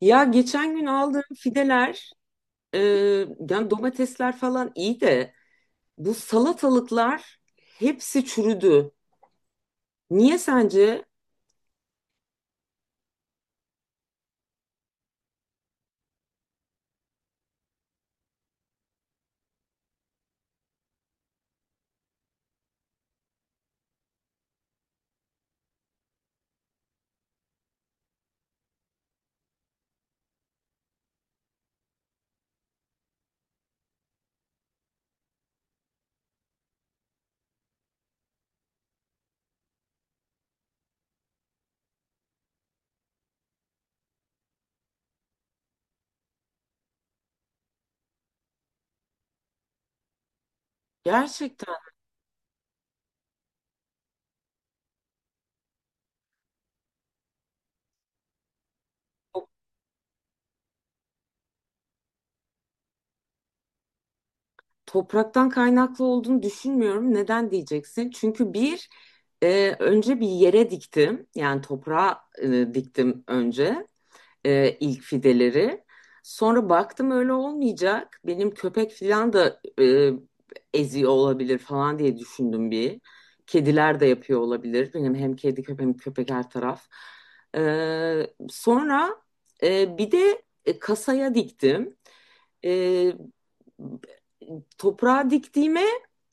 Ya geçen gün aldığım fideler, e, yani domatesler falan iyi de bu salatalıklar hepsi çürüdü. Niye sence? Gerçekten to- topraktan kaynaklı olduğunu düşünmüyorum. Neden diyeceksin? Çünkü bir, önce bir yere diktim. Yani toprağa diktim önce. E, ilk fideleri. Sonra baktım öyle olmayacak. Benim köpek falan da eziyor olabilir falan diye düşündüm bir. Kediler de yapıyor olabilir. Benim hem kedi köpek hem köpek her taraf. E, Sonra, bir de kasaya diktim. E, Toprağa diktiğime,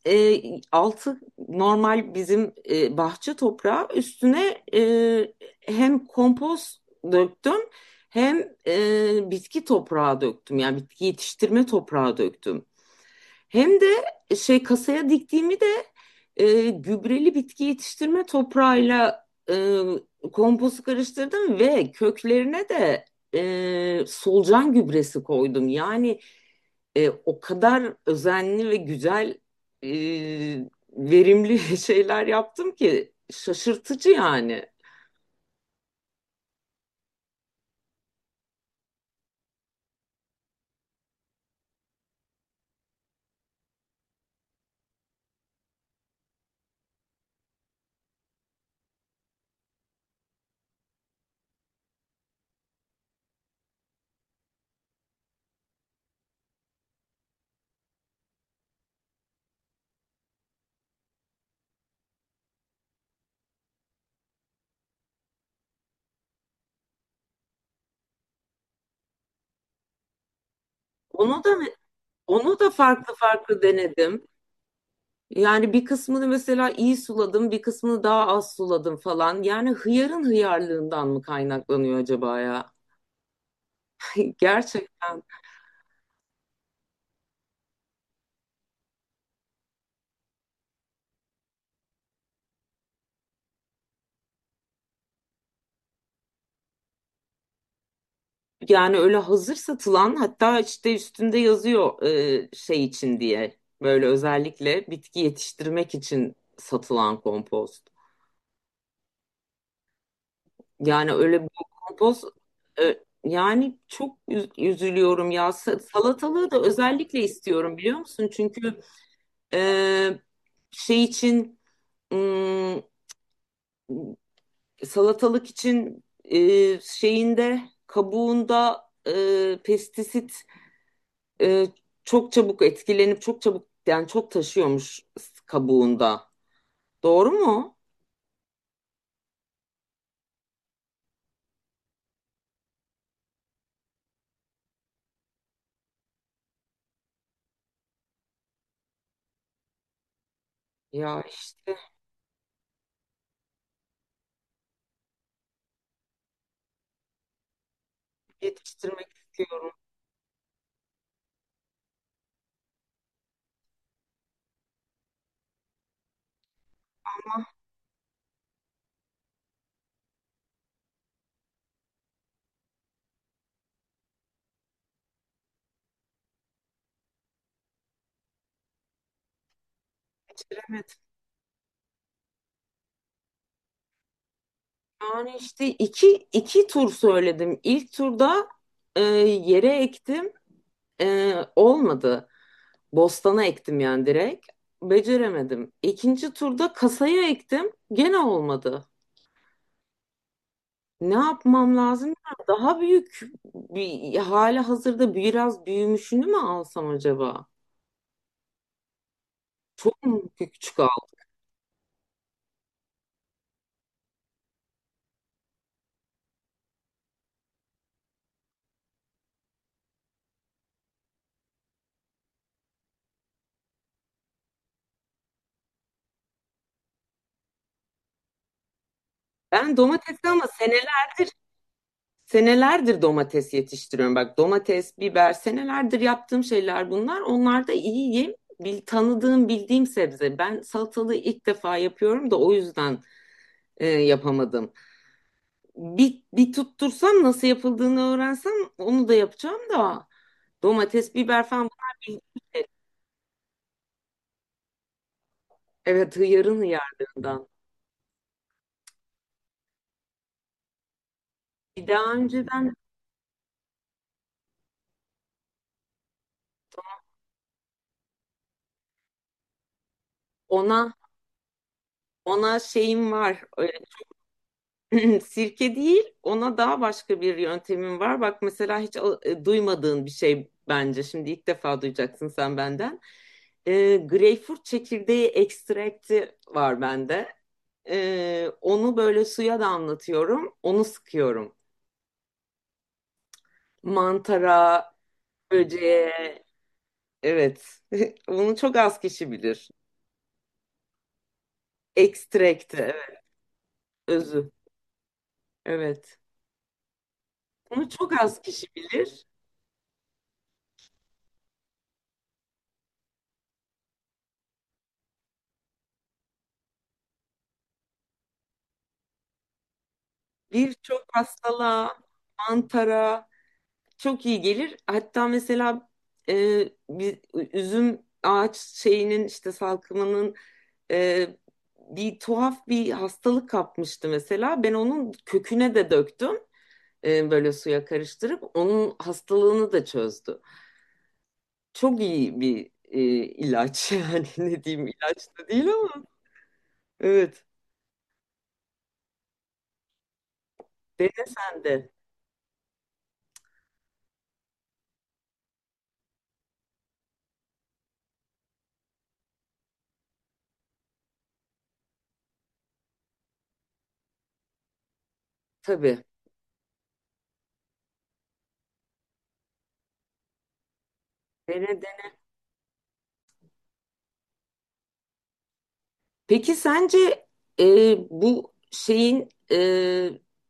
e, altı normal bizim bahçe toprağı üstüne, hem kompost döktüm hem bitki toprağı döktüm. Yani bitki yetiştirme toprağı döktüm. Hem de şey kasaya diktiğimi de gübreli bitki yetiştirme toprağıyla kompostu karıştırdım ve köklerine de solucan gübresi koydum. Yani o kadar özenli ve güzel, e, verimli şeyler yaptım ki şaşırtıcı yani. Onu da onu da farklı farklı denedim. Yani bir kısmını mesela iyi suladım, bir kısmını daha az suladım falan. Yani hıyarın hıyarlığından mı kaynaklanıyor acaba ya? Gerçekten. Yani öyle hazır satılan hatta işte üstünde yazıyor şey için diye. Böyle özellikle bitki yetiştirmek için satılan kompost. Yani öyle bir kompoz, yani çok üzülüyorum ya. Salatalığı da özellikle istiyorum biliyor musun? Çünkü e, şey için ım, salatalık için şeyinde, kabuğunda, pestisit, e, çok çabuk etkilenip çok çabuk yani çok taşıyormuş kabuğunda. Doğru mu? Ya işte. Yetiştirmek istiyorum. Beceremedim. Yani işte iki, iki tur söyledim. İlk turda yere ektim. E, olmadı. Bostana ektim yani direkt. Beceremedim. İkinci turda kasaya ektim. Gene olmadı. Ne yapmam lazım? Daha büyük bir hali hazırda biraz büyümüşünü mü alsam acaba? Çok mu küçük aldım? Ben domatesi ama seneler. Senelerdir domates yetiştiriyorum. Bak domates, biber senelerdir yaptığım şeyler bunlar. Onlar da iyiyim. Bil, tanıdığım, bildiğim sebze. Ben salatalığı ilk defa yapıyorum da o yüzden yapamadım. Bir tuttursam nasıl yapıldığını öğrensem onu da yapacağım da. Domates, biber falan bunlar evet hıyarın hıyarlığından. Bir daha önceden ona ona şeyim var. E, Sirke değil, ona daha başka bir yöntemim var. Bak mesela hiç duymadığın bir şey bence. Şimdi ilk defa duyacaksın sen benden. E, greyfurt çekirdeği ekstrakti var bende. E, onu böyle suya damlatıyorum, onu sıkıyorum. Mantara, böceğe, evet. Bunu çok az kişi bilir. Ekstrakti, evet, özü, evet. Bunu çok az kişi bilir. Birçok hastalığa, mantara, çok iyi gelir. Hatta mesela bir üzüm ağaç şeyinin işte salkımının, e, bir tuhaf bir hastalık kapmıştı mesela. Ben onun köküne de döktüm, böyle suya karıştırıp onun hastalığını da çözdü. Çok iyi bir ilaç, yani ne diyeyim ilaç da değil ama evet, dene sen de. Tabii dene. Peki sence, bu şeyin,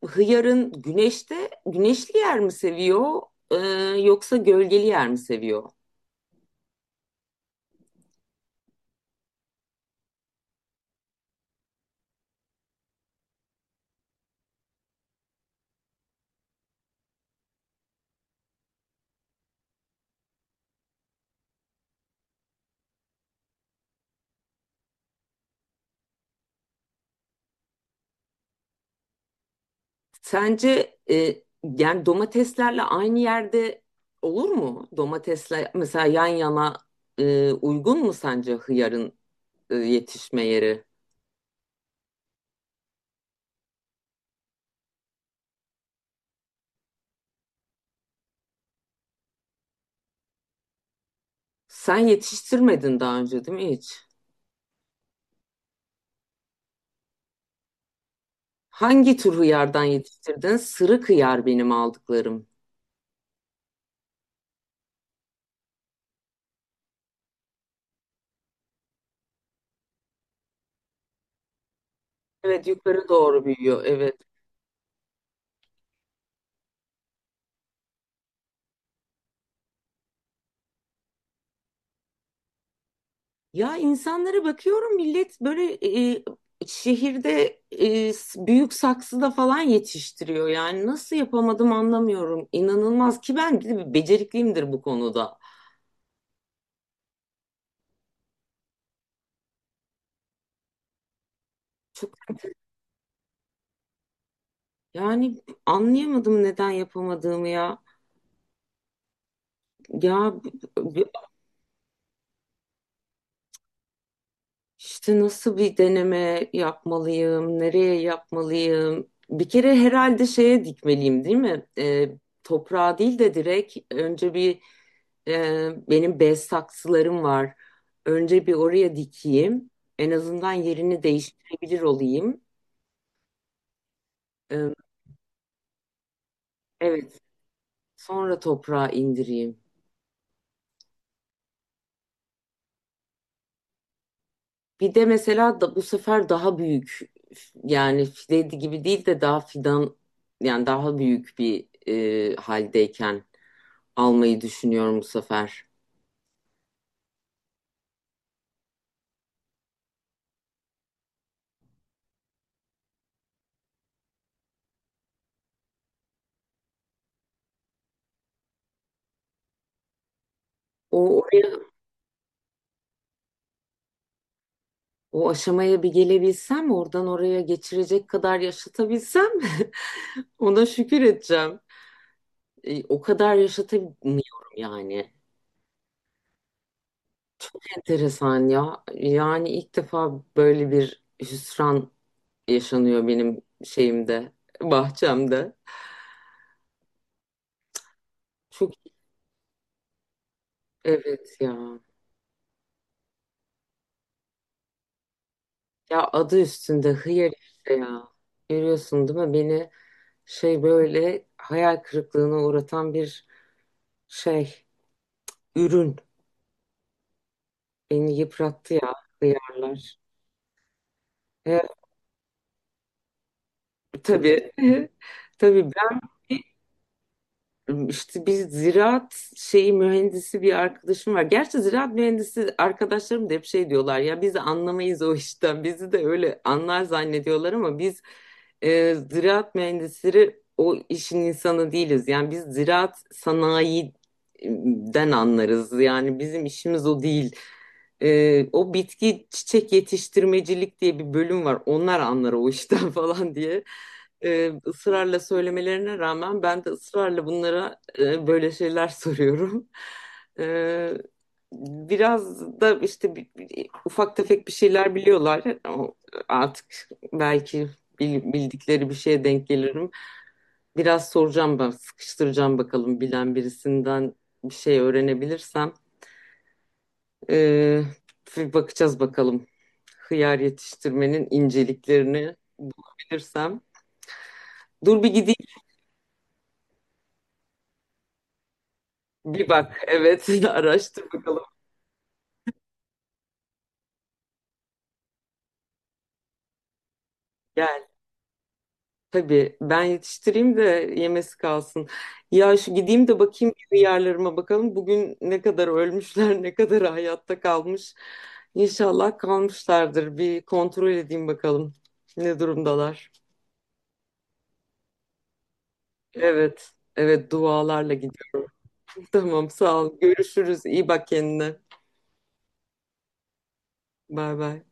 hıyarın güneşte güneşli yer mi seviyor e, yoksa gölgeli yer mi seviyor? Sence, yani domateslerle aynı yerde olur mu? Domatesle mesela yan yana, uygun mu sence hıyarın yetişme yeri? Sen yetiştirmedin daha önce değil mi hiç? Hangi tür hıyardan yetiştirdin? Sırık hıyar benim aldıklarım. Evet yukarı doğru büyüyor, evet. Ya insanlara bakıyorum millet böyle, şehirde, büyük saksıda falan yetiştiriyor. Yani nasıl yapamadım anlamıyorum. İnanılmaz ki ben bir de becerikliyimdir bu konuda. Yani anlayamadım neden yapamadığımı ya. Ya, İşte nasıl bir deneme yapmalıyım, nereye yapmalıyım? Bir kere herhalde şeye dikmeliyim, değil mi? Toprağa değil de direkt önce bir, benim bez saksılarım var. Önce bir oraya dikeyim. En azından yerini değiştirebilir olayım. Ee, evet, sonra toprağa indireyim. Bir de mesela da bu sefer daha büyük, yani fide gibi değil de daha fidan, yani daha büyük bir haldeyken almayı düşünüyorum bu sefer. O oraya, o aşamaya bir gelebilsem, oradan oraya geçirecek kadar yaşatabilsem ona şükür edeceğim. E, o kadar yaşatamıyorum yani. Enteresan ya. Yani ilk defa böyle bir hüsran yaşanıyor benim şeyimde, bahçemde. Çok evet ya. Ya adı üstünde hıyar işte ya. Görüyorsun değil mi? Beni şey böyle hayal kırıklığına uğratan bir şey. Ürün beni yıprattı ya, hıyarlar. E, tabii, tabii ben, İşte bir ziraat şeyi mühendisi bir arkadaşım var. Gerçi ziraat mühendisi arkadaşlarım da hep şey diyorlar ya biz anlamayız o işten. Bizi de öyle anlar zannediyorlar ama biz, ziraat mühendisleri o işin insanı değiliz. Yani biz ziraat sanayiden anlarız. Yani bizim işimiz o değil. E, o bitki çiçek yetiştirmecilik diye bir bölüm var. Onlar anlar o işten falan diye ısrarla söylemelerine rağmen ben de ısrarla bunlara, böyle şeyler soruyorum. E, biraz da işte ufak tefek bir şeyler biliyorlar. O- Artık belki bildikleri bir şeye denk gelirim. Biraz soracağım ben, sıkıştıracağım bakalım bilen birisinden bir şey öğrenebilirsem. E, bir bakacağız bakalım hıyar yetiştirmenin inceliklerini bulabilirsem. Dur bir gideyim. Bir bak, evet, araştır bakalım. Gel. Tabii ben yetiştireyim de yemesi kalsın. Ya şu gideyim de bakayım yerlerime bakalım. Bugün ne kadar ölmüşler, ne kadar hayatta kalmış. İnşallah kalmışlardır. Bir kontrol edeyim bakalım ne durumdalar. Evet, evet, dualarla gidiyorum. Tamam, sağ ol. Görüşürüz. İyi bak kendine. Bay bay.